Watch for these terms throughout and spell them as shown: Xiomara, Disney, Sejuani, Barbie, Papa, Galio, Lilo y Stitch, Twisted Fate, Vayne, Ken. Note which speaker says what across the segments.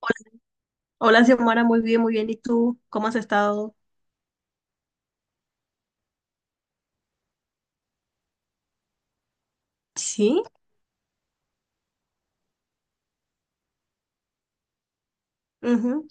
Speaker 1: Hola, hola, Xiomara, muy bien, muy bien. ¿Y tú? ¿Cómo has estado? Sí, ujú.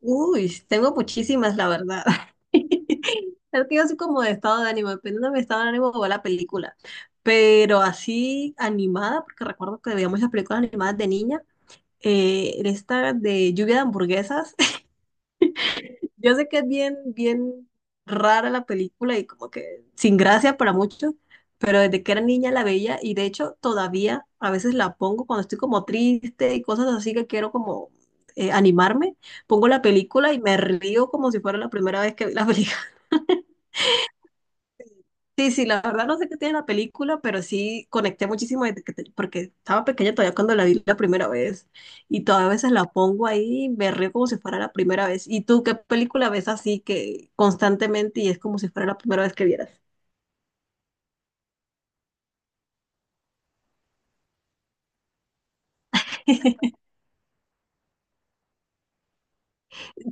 Speaker 1: Uy, tengo muchísimas, la verdad. Es que yo soy como de estado de ánimo, dependiendo de mi estado de ánimo va la película. Pero así animada, porque recuerdo que veíamos las películas animadas de niña, esta de lluvia de hamburguesas, yo sé que es bien, bien rara la película y como que sin gracia para muchos, pero desde que era niña la veía y de hecho todavía a veces la pongo cuando estoy como triste y cosas así que quiero como animarme, pongo la película y me río como si fuera la primera vez que vi la película. Sí, sí, la verdad no sé qué tiene la película, pero sí conecté muchísimo desde porque estaba pequeña todavía cuando la vi la primera vez y todavía a veces la pongo ahí y me río como si fuera la primera vez. ¿Y tú qué película ves así que constantemente y es como si fuera la primera vez que vieras?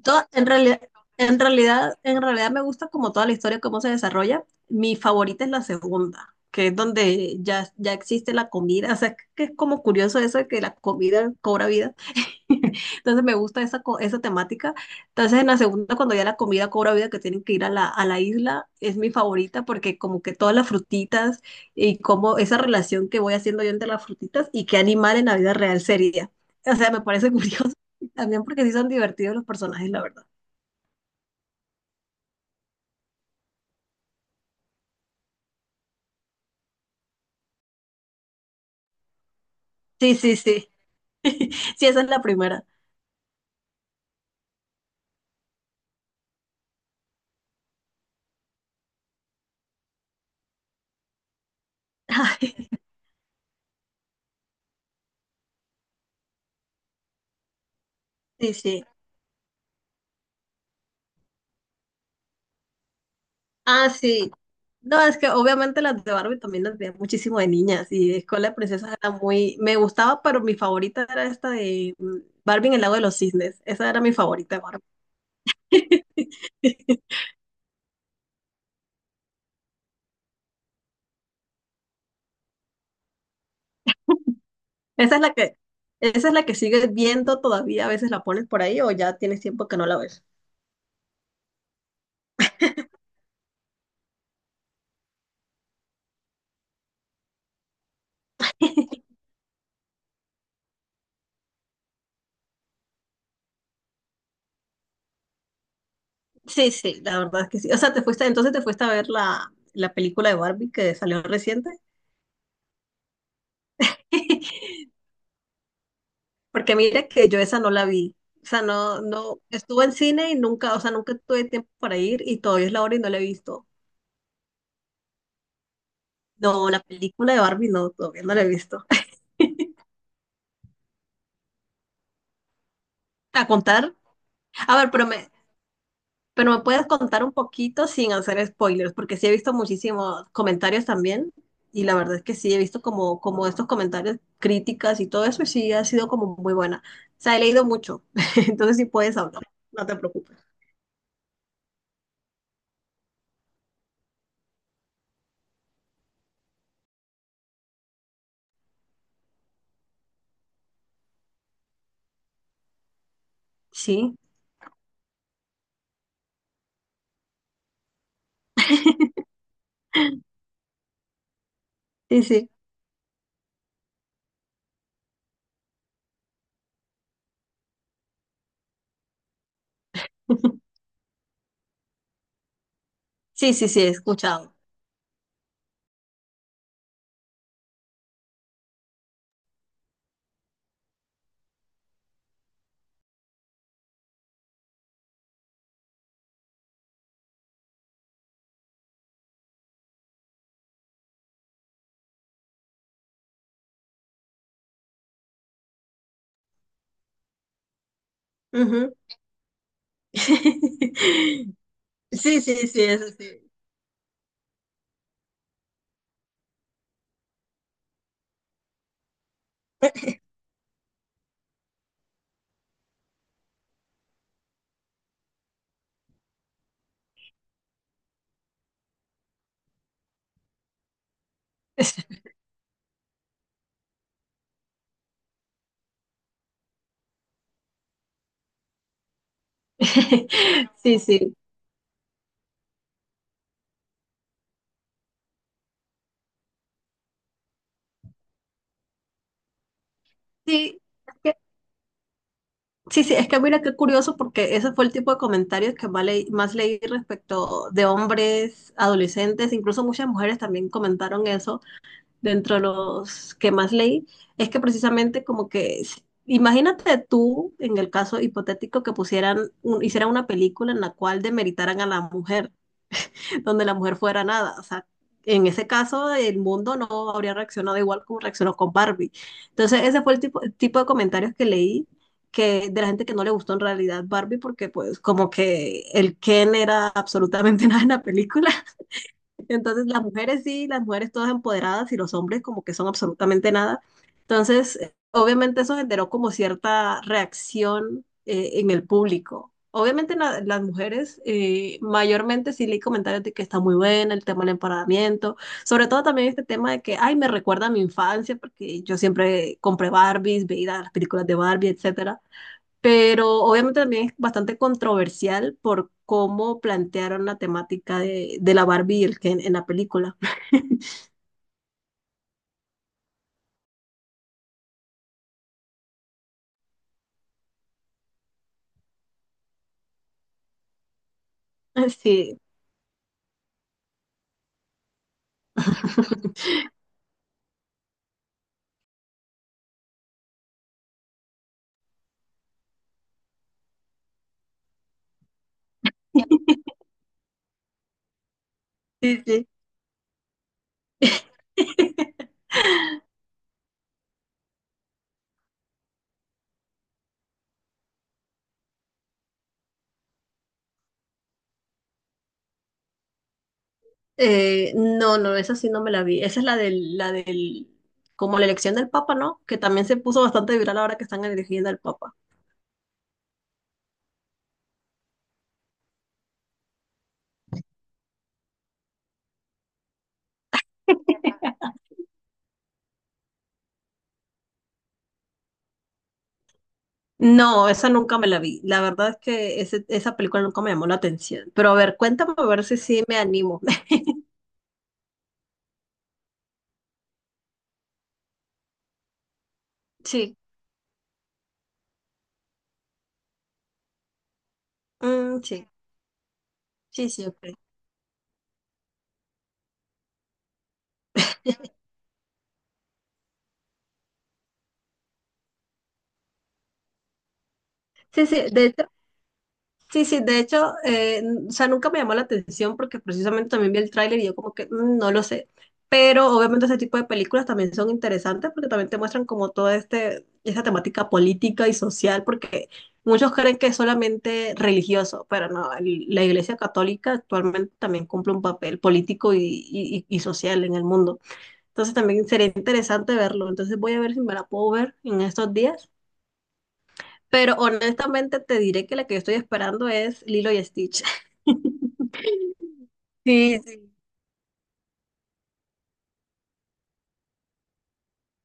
Speaker 1: En realidad, en realidad me gusta como toda la historia, cómo se desarrolla. Mi favorita es la segunda, que es donde ya existe la comida. O sea, que es como curioso eso de que la comida cobra vida. Entonces me gusta esa temática. Entonces en la segunda, cuando ya la comida cobra vida, que tienen que ir a la isla, es mi favorita porque como que todas las frutitas y como esa relación que voy haciendo yo entre las frutitas y qué animal en la vida real sería. O sea, me parece curioso también porque sí son divertidos los personajes, la verdad. Sí, sí, sí. Sí, esa es la primera. Ay, sí, sí. Ah, sí. No, es que obviamente las de Barbie también las veía muchísimo de niñas y Escuela de Princesas era muy... Me gustaba, pero mi favorita era esta de Barbie en el lago de los cisnes. Esa era mi favorita de Barbie. Esa es la que, esa es la que sigues viendo todavía, a veces la pones por ahí o ya tienes tiempo que no la ves. Sí, sí, la verdad es que sí. O sea, te fuiste, entonces te fuiste a ver la película de Barbie que salió reciente. Porque mira que yo esa no la vi. O sea, no, no, estuve en cine y nunca, o sea, nunca tuve tiempo para ir y todavía es la hora y no la he visto. No, la película de Barbie no, todavía no la he visto. A contar, a ver, pero me puedes contar un poquito sin hacer spoilers, porque sí he visto muchísimos comentarios también y la verdad es que sí he visto como, como estos comentarios, críticas y todo eso y sí ha sido como muy buena. O sea, he leído mucho, entonces sí puedes hablar, no te preocupes. Sí, sí, sí. Sí, sí, sí, he escuchado. Ujú. Sí, sí, sí, eso sí. Sí, sí. Sí, es que- sí, sí, es que mira qué curioso porque ese fue el tipo de comentarios que más leí respecto de hombres, adolescentes, incluso muchas mujeres también comentaron eso dentro de los que más leí. Es que precisamente como que, imagínate tú, en el caso hipotético, que pusieran, hicieran una película en la cual demeritaran a la mujer. Donde la mujer fuera nada. O sea, en ese caso el mundo no habría reaccionado igual como reaccionó con Barbie. Entonces ese fue el tipo de comentarios que leí que de la gente que no le gustó en realidad Barbie porque pues como que el Ken era absolutamente nada en la película, entonces, las mujeres sí, las mujeres todas empoderadas y los hombres como que son absolutamente nada. Entonces, obviamente eso generó como cierta reacción en el público. Obviamente las mujeres mayormente sí leí comentarios de que está muy buena el tema del empoderamiento, sobre todo también este tema de que, ay, me recuerda a mi infancia porque yo siempre compré Barbies, veía las películas de Barbie, etcétera, pero obviamente también es bastante controversial por cómo plantearon la temática de la Barbie y el Ken en la película. Sí, sí, sí. No, no, esa sí no me la vi. Esa es la del, como la elección del Papa, ¿no? Que también se puso bastante viral ahora que están eligiendo al Papa. No, esa nunca me la vi. La verdad es que esa película nunca me llamó la atención. Pero a ver, cuéntame a ver si sí me animo. Sí, mm, sí, sí, sí, ok. Sí, sí, de hecho, sí, sí, de hecho, o sea, nunca me llamó la atención porque precisamente también vi el tráiler y yo como que "Mm, no lo sé". Pero obviamente ese tipo de películas también son interesantes porque también te muestran como toda este, esta temática política y social porque muchos creen que es solamente religioso, pero no, la Iglesia Católica actualmente también cumple un papel político y social en el mundo. Entonces también sería interesante verlo. Entonces voy a ver si me la puedo ver en estos días. Pero honestamente te diré que la que yo estoy esperando es Lilo y Stitch. Sí, sí,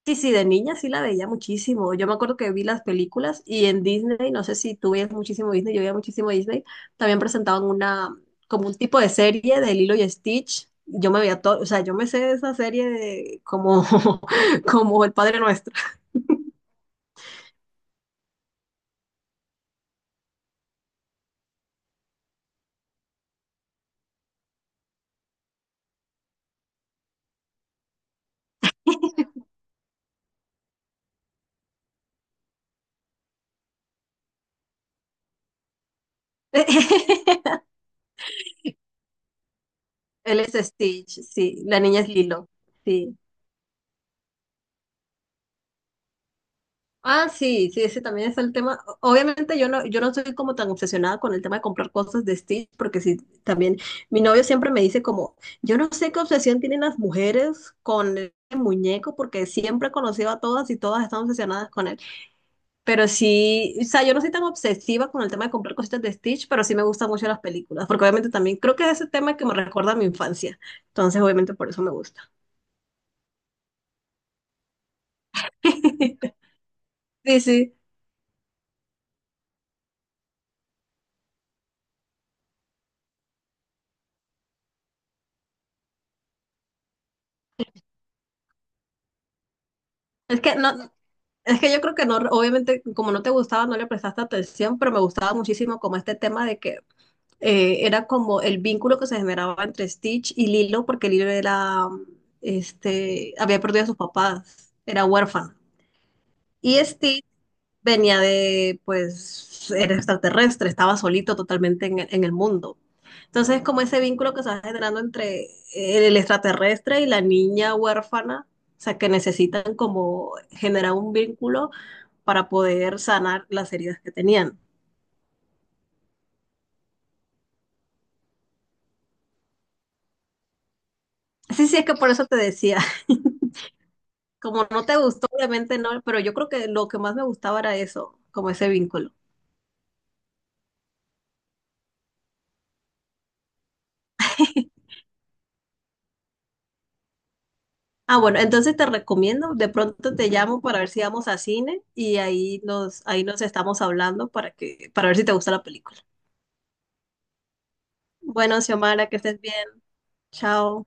Speaker 1: sí, sí, de niña sí la veía muchísimo. Yo me acuerdo que vi las películas y en Disney, no sé si tú veías muchísimo Disney, yo veía muchísimo Disney, también presentaban una, como un tipo de serie de Lilo y Stitch. Yo me veía todo, o sea, yo me sé esa serie de como, como el Padre Nuestro. Él es Stitch, sí, la niña es Lilo, sí. Ah, sí, sí, ese también es el tema. Obviamente yo no, yo no soy como tan obsesionada con el tema de comprar cosas de Stitch, porque sí, también mi novio siempre me dice como, yo no sé qué obsesión tienen las mujeres con el muñeco, porque siempre he conocido a todas y todas están obsesionadas con él. Pero sí, o sea, yo no soy tan obsesiva con el tema de comprar cositas de Stitch, pero sí me gustan mucho las películas, porque obviamente también creo que es ese tema que me recuerda a mi infancia. Entonces, obviamente por eso me gusta. Sí, sí. Es que no, es que yo creo que no, obviamente, como no te gustaba, no le prestaste atención, pero me gustaba muchísimo como este tema de que era como el vínculo que se generaba entre Stitch y Lilo, porque Lilo era, este, había perdido a sus papás, era huérfano. Y Stitch venía de, pues, era extraterrestre, estaba solito totalmente en en el mundo. Entonces, como ese vínculo que se va generando entre el extraterrestre y la niña huérfana, o sea, que necesitan como generar un vínculo para poder sanar las heridas que tenían. Sí, sí, es que por eso te decía, como no te gustó, obviamente no, pero yo creo que lo que más me gustaba era eso, como ese vínculo. Ah, bueno, entonces te recomiendo, de pronto te llamo para ver si vamos a cine y ahí nos estamos hablando para que, para ver si te gusta la película. Bueno, Xiomara, que estés bien. Chao.